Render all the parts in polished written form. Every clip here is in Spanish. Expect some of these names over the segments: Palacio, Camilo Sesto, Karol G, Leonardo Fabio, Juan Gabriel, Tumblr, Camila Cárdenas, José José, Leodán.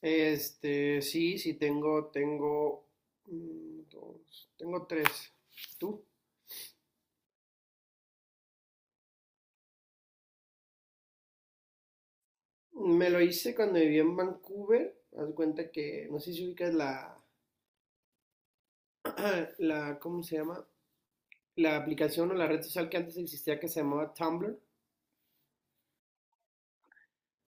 Sí, sí tengo, dos, tengo tres. ¿Tú? Me lo hice cuando viví en Vancouver. Haz de cuenta que, no sé si ubicas la, la, ¿cómo se llama? La aplicación o la red social que antes existía que se llamaba Tumblr.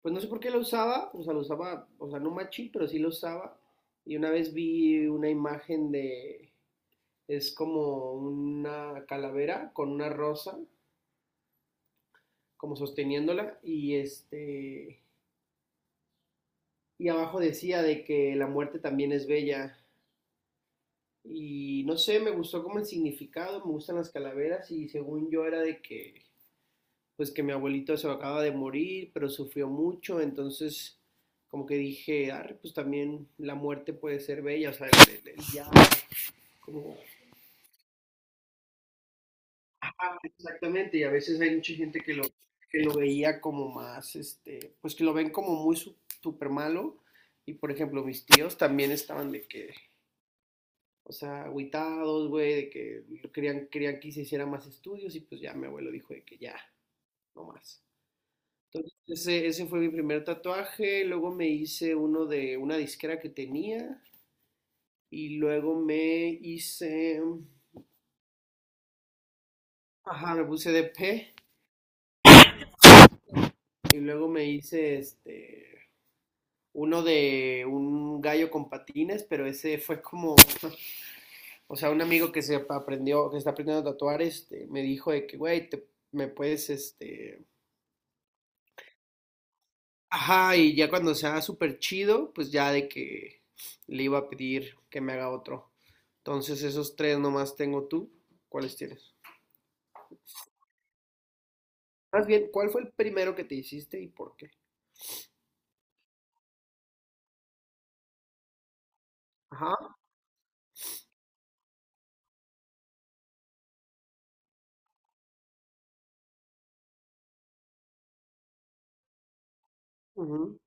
Pues no sé por qué la usaba, o sea, la usaba, o sea, no machín, pero sí la usaba. Y una vez vi una imagen de, es como una calavera con una rosa, como sosteniéndola. Y abajo decía de que la muerte también es bella. Y no sé, me gustó como el significado, me gustan las calaveras y según yo era de que, pues que mi abuelito se acaba de morir, pero sufrió mucho, entonces como que dije, ah, pues también la muerte puede ser bella, o sea, el ya, como- exactamente. Y a veces hay mucha gente que lo veía como más, pues que lo ven como muy súper malo, y por ejemplo mis tíos también estaban de que, o sea, agüitados, güey, de que querían que se hiciera más estudios, y pues ya mi abuelo dijo de que ya, no más. Entonces, ese fue mi primer tatuaje. Luego me hice uno de una disquera que tenía, y luego me hice... Ajá, me puse de P. Y luego me hice. Uno de un gallo con patines, pero ese fue como, o sea, un amigo que se aprendió, que está aprendiendo a tatuar, me dijo de que, güey, me puedes. Ajá, y ya cuando sea súper chido, pues ya de que le iba a pedir que me haga otro. Entonces, esos tres nomás tengo, tú. ¿Cuáles tienes? Más bien, ¿cuál fue el primero que te hiciste y por qué? Ajá. Ujú,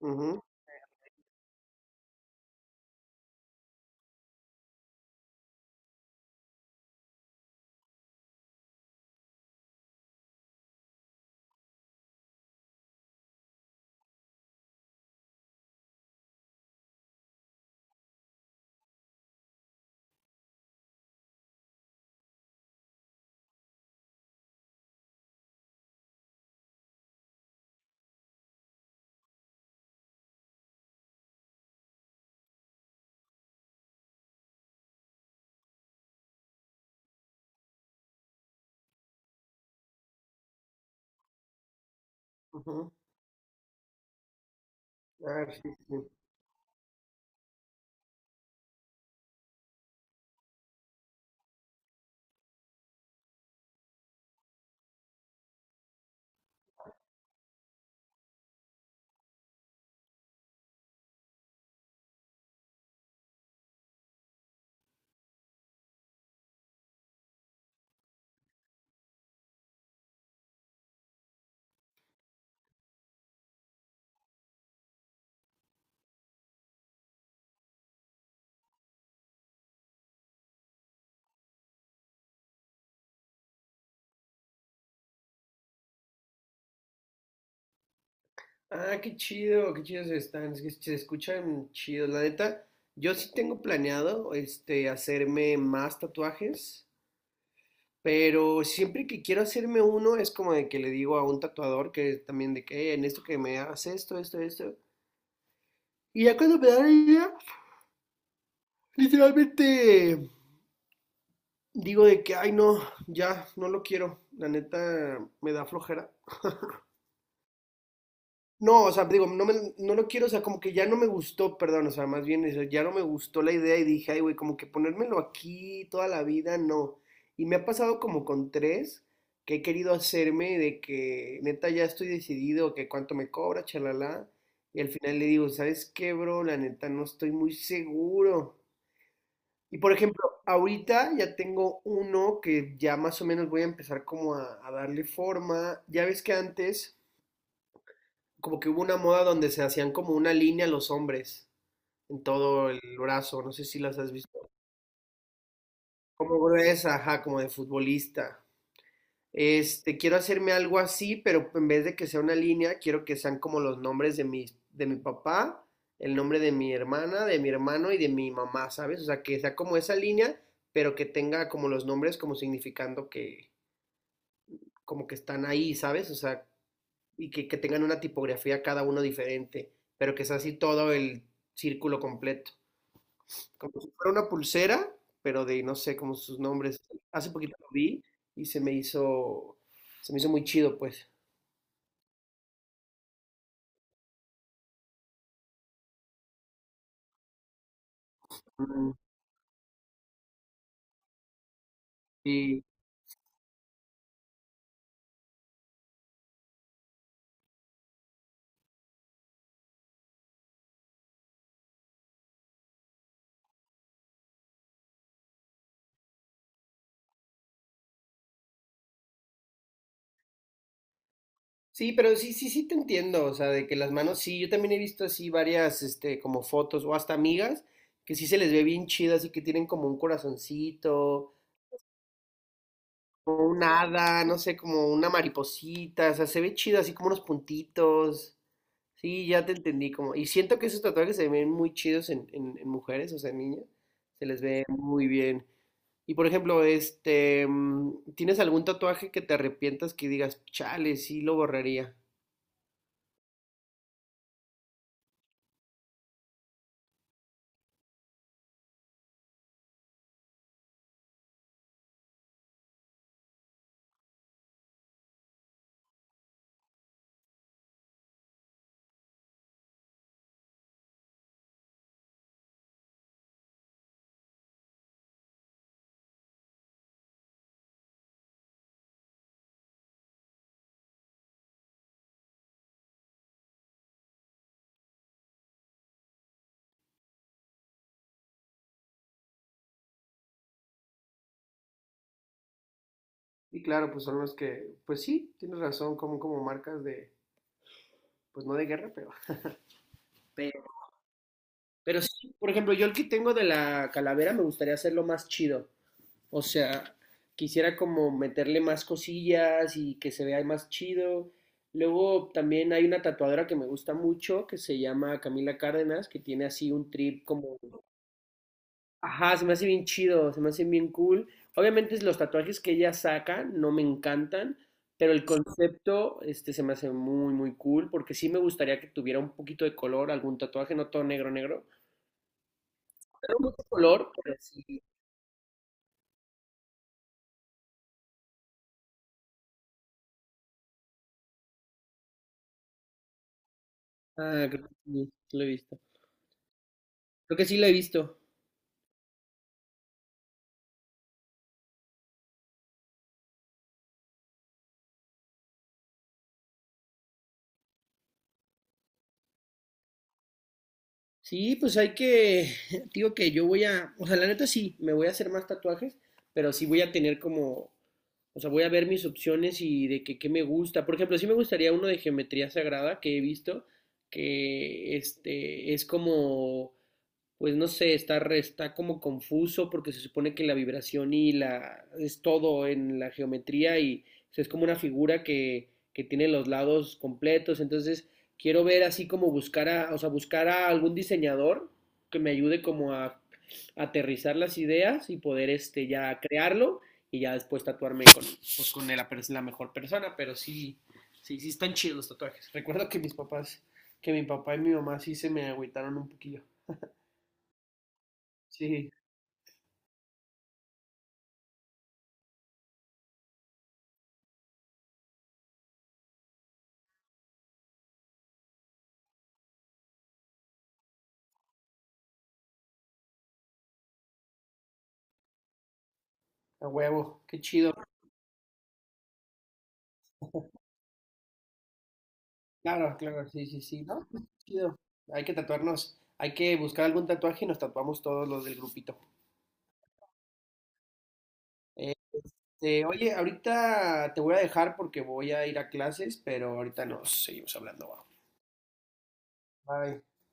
ujú, ujú. Ah, sí, sí. Ah, qué chido, qué chidos están. Es que se escuchan chidos. La neta, yo sí tengo planeado, hacerme más tatuajes. Pero siempre que quiero hacerme uno es como de que le digo a un tatuador que también de que: En esto que me hagas esto, esto, esto". Y ya cuando me da la idea, literalmente digo de que, ay, no, ya no lo quiero. La neta me da flojera. No, o sea, digo, no, no lo quiero, o sea, como que ya no me gustó, perdón, o sea, más bien, eso, ya no me gustó la idea y dije, ay, güey, como que ponérmelo aquí toda la vida, no. Y me ha pasado como con tres que he querido hacerme, de que neta ya estoy decidido, que cuánto me cobra, chalala. Y al final le digo, ¿sabes qué, bro? La neta no estoy muy seguro. Y por ejemplo, ahorita ya tengo uno que ya más o menos voy a empezar como a darle forma. Ya ves que antes como que hubo una moda donde se hacían como una línea los hombres en todo el brazo, no sé si las has visto, como gruesa, ajá, como de futbolista. Quiero hacerme algo así, pero en vez de que sea una línea, quiero que sean como los nombres de de mi papá, el nombre de mi hermana, de mi hermano y de mi mamá, ¿sabes? O sea, que sea como esa línea, pero que tenga como los nombres como significando que como que están ahí, ¿sabes? O sea, y que tengan una tipografía cada uno diferente, pero que sea así todo el círculo completo. Como si fuera una pulsera, pero de no sé, como sus nombres. Hace poquito lo vi y se me hizo muy chido, pues. Mm. Sí, sí, pero sí, sí, sí te entiendo, o sea, de que las manos, sí, yo también he visto así varias, como fotos o hasta amigas que sí se les ve bien chidas y que tienen como un corazoncito, como un hada, no sé, como una mariposita, o sea, se ve chido, así como unos puntitos. Sí, ya te entendí, como, y siento que esos tatuajes se ven muy chidos en mujeres, o sea, en niñas, se les ve muy bien. Y por ejemplo, ¿tienes algún tatuaje que te arrepientas, que digas, chale, sí lo borraría? Y claro, pues son los que, pues sí, tienes razón, como marcas de, pues no de guerra, pero. Pero, pero sí, por ejemplo, yo el que tengo de la calavera me gustaría hacerlo más chido. O sea, quisiera como meterle más cosillas y que se vea más chido. Luego también hay una tatuadora que me gusta mucho que se llama Camila Cárdenas, que tiene así un trip como, ajá, se me hace bien chido, se me hace bien cool. Obviamente es, los tatuajes que ella saca no me encantan, pero el concepto este se me hace muy muy cool, porque sí me gustaría que tuviera un poquito de color, algún tatuaje, no todo negro negro, pero mucho color, pero sí. Ah, creo que sí, sí lo he visto. Creo que sí lo he visto. Sí, pues hay que, digo que yo voy a, o sea, la neta sí, me voy a hacer más tatuajes, pero sí voy a tener como, o sea, voy a ver mis opciones y de que qué me gusta. Por ejemplo, sí me gustaría uno de geometría sagrada que he visto, que este es como, pues no sé, está como confuso, porque se supone que la vibración y la es todo en la geometría, y o sea, es como una figura que tiene los lados completos. Entonces, quiero ver así como buscar a, o sea, buscar a algún diseñador que me ayude como aterrizar las ideas y poder ya crearlo, y ya después tatuarme con, pues, con la mejor persona. Pero sí, sí, sí están chidos los tatuajes. Recuerdo que mis papás, que mi papá y mi mamá, sí se me agüitaron un poquillo. Sí. A huevo, qué chido. Claro, claro, sí, sí, sí, ¿no? Pues, qué chido. Hay que tatuarnos, hay que buscar algún tatuaje y nos tatuamos todos los del grupito. Oye, ahorita te voy a dejar porque voy a ir a clases, pero ahorita nos seguimos hablando. Va. Bye.